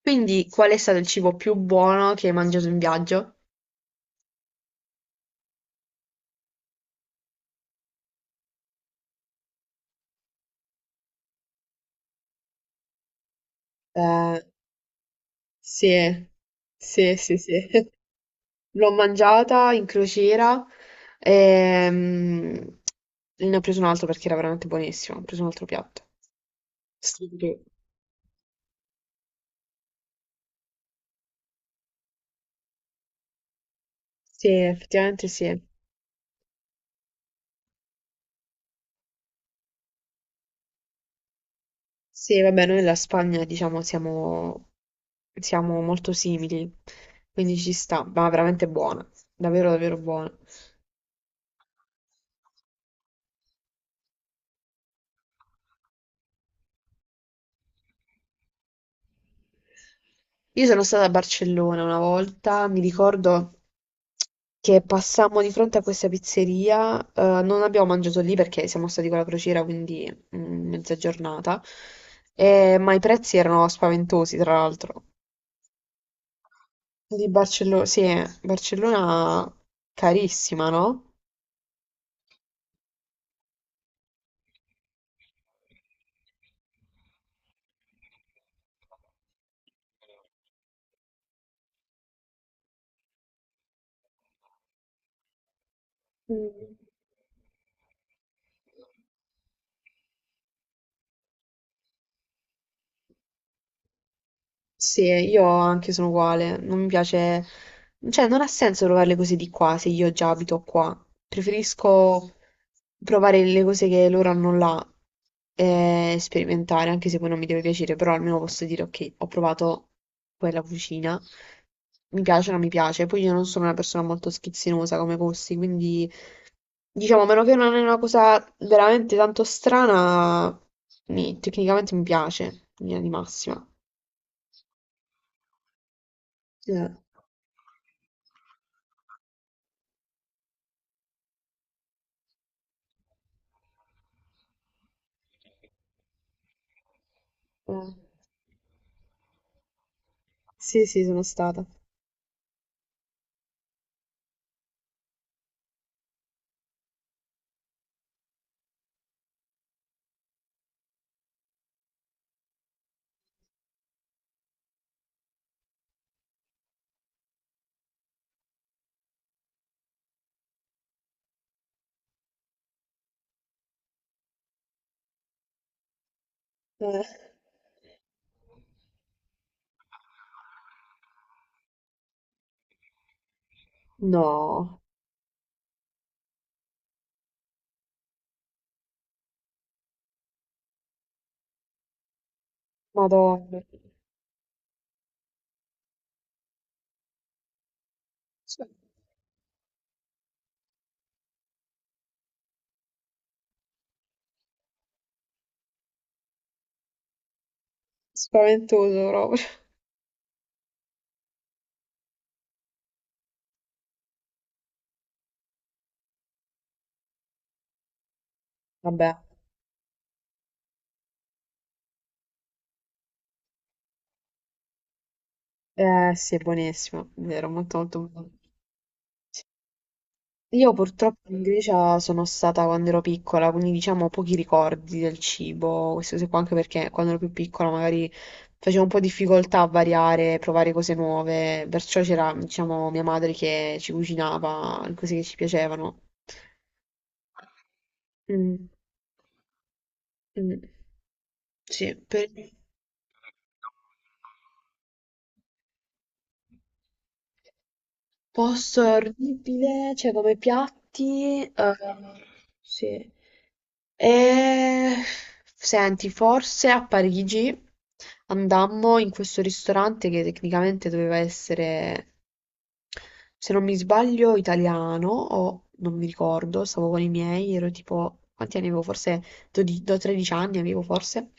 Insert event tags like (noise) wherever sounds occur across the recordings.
Quindi, qual è stato il cibo più buono che hai mangiato in viaggio? Eh, sì, sì, sì, sì. (laughs) L'ho mangiata in crociera ehm, ne ho preso un altro perché era veramente buonissimo. Ho preso un altro piatto. Stupido. Sì, effettivamente sì. Sì, vabbè, noi e la Spagna, diciamo, siamo molto simili, quindi ci sta, ma veramente buona, davvero, davvero buona. Io sono stata a Barcellona una volta, mi ricordo che passammo di fronte a questa pizzeria, non abbiamo mangiato lì perché siamo stati con la crociera, quindi mezza giornata, ma i prezzi erano spaventosi, tra l'altro. Di Barcellona, sì, Barcellona carissima, no? Mm. Sì, io anche sono uguale, non mi piace, cioè non ha senso provare le cose di qua se io già abito qua, preferisco provare le cose che loro hanno là e sperimentare, anche se poi non mi deve piacere, però almeno posso dire ok, ho provato quella cucina, mi piace o non mi piace, poi io non sono una persona molto schizzinosa come gusti, quindi diciamo, a meno che non è una cosa veramente tanto strana, tecnicamente mi piace, in linea di massima. Eh. Eh, Sì, sì, sono stata. Eh, No, Madonna. Cioè, spaventoso proprio. Vabbè, eh sì, è buonissimo, vero, molto molto buono. Io purtroppo in Grecia sono stata quando ero piccola, quindi diciamo ho pochi ricordi del cibo, queste cose qua, anche perché quando ero più piccola magari facevo un po' difficoltà a variare, provare cose nuove, perciò c'era, diciamo, mia madre che ci cucinava le cose che ci piacevano. Mm, mm. Sì, per posto è orribile, cioè come piatti, sì. E... Senti, forse a Parigi andammo in questo ristorante che tecnicamente doveva essere, se non mi sbaglio, italiano o non mi ricordo, stavo con i miei, ero tipo, quanti anni avevo? Forse 12 13 anni avevo forse.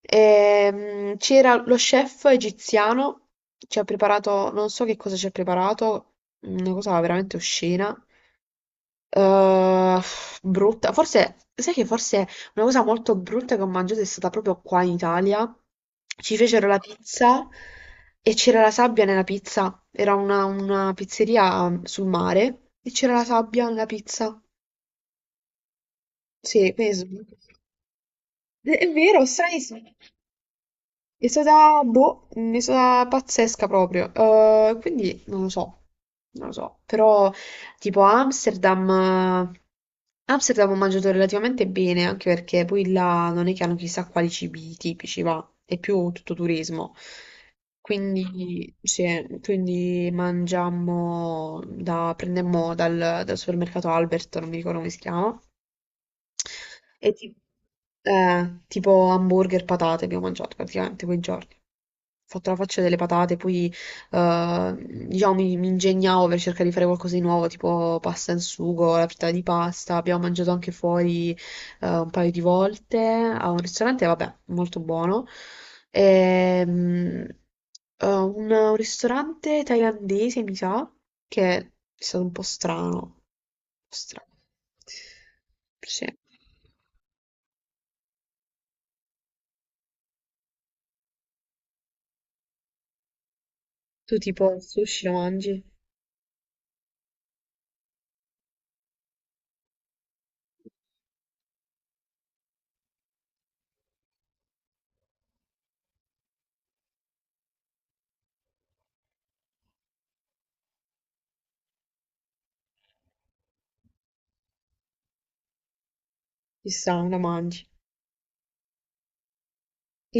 C'era lo chef egiziano, ci ha preparato, non so che cosa ci ha preparato, una cosa veramente oscena. Eh, brutta, forse, sai che forse una cosa molto brutta che ho mangiato è stata proprio qua in Italia. Ci fecero la pizza e c'era la sabbia nella pizza. Era una pizzeria sul mare e c'era la sabbia nella pizza. Sì, quindi. È vero, stranissimo. È stata, boh, è stata pazzesca proprio. Quindi non lo so, non lo so. Però tipo a Amsterdam ho mangiato relativamente bene, anche perché poi là non è che hanno chissà quali cibi tipici, va, è più tutto turismo. Quindi, sì, quindi mangiammo, prendemmo dal supermercato Albert, non mi ricordo come si chiama, e ti- tipo hamburger, patate abbiamo mangiato praticamente quei giorni. Ho fatto la faccia delle patate, poi eh, diciamo mi ingegnavo per cercare di fare qualcosa di nuovo, tipo pasta in sugo, la frittata di pasta. Abbiamo mangiato anche fuori un paio di volte a un ristorante, vabbè, molto buono. Ehm, un ristorante thailandese, mi sa, che è stato un po' strano. Un po' strano. Sì. Tu tipo il sushi lo mangi? Chissà, lo mangi.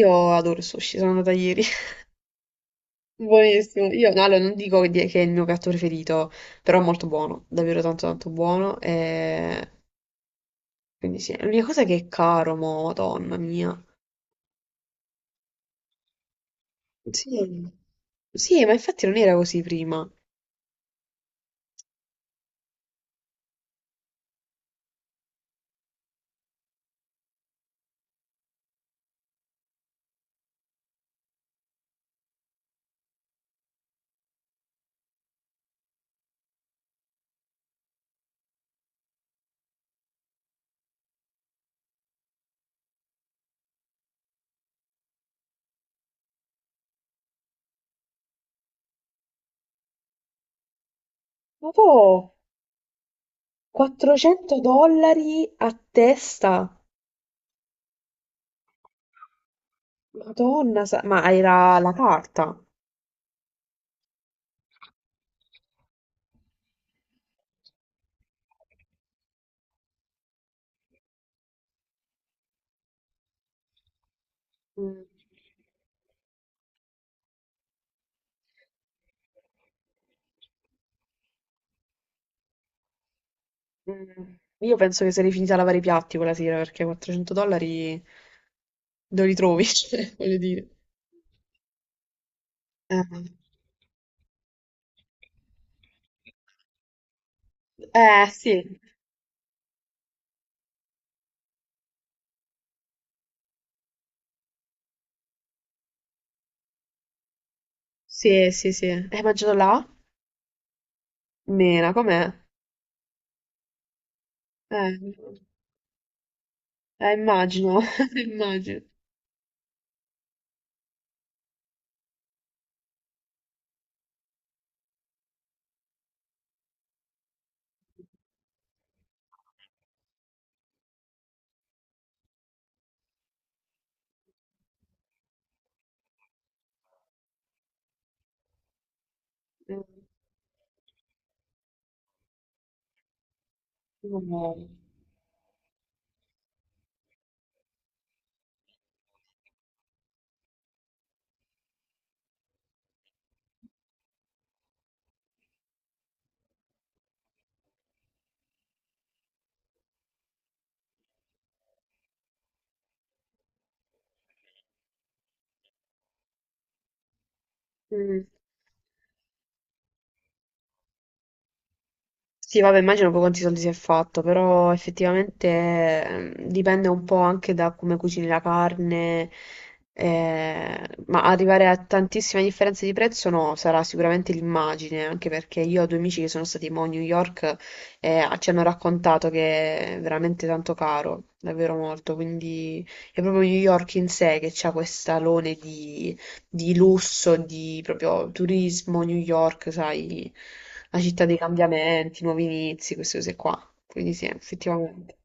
Io adoro il sushi, sono andata ieri. (laughs) Buonissimo. Io no, allora, non dico che è il mio piatto preferito, però è molto buono, davvero tanto tanto buono. E... Quindi sì, l'unica cosa è che è caro, mo, madonna mia. Sì. Sì, ma infatti non era così prima. Ma po', 400 dollari a testa. Madonna, ma era la carta. Mm. Mm, io penso che sarei finita a lavare i piatti quella sera perché 400 dollari dove li trovi? (laughs) Cioè, voglio dire. Eh, Eh, sì, sì, sì, sì. Hai mangiato là? Mena, com'è? Eh, immagino, (laughs) immagino. Mm, no. Mm. Sì, vabbè, immagino poi quanti soldi si è fatto, però effettivamente dipende un po' anche da come cucini la carne, eh, ma arrivare a tantissime differenze di prezzo no, sarà sicuramente l'immagine, anche perché io ho due amici che sono stati mo a New York e ci hanno raccontato che è veramente tanto caro, davvero molto, quindi è proprio New York in sé che ha quest'alone di lusso, di proprio turismo, New York, sai, la città dei cambiamenti, nuovi inizi, queste cose qua. Quindi sì, effettivamente.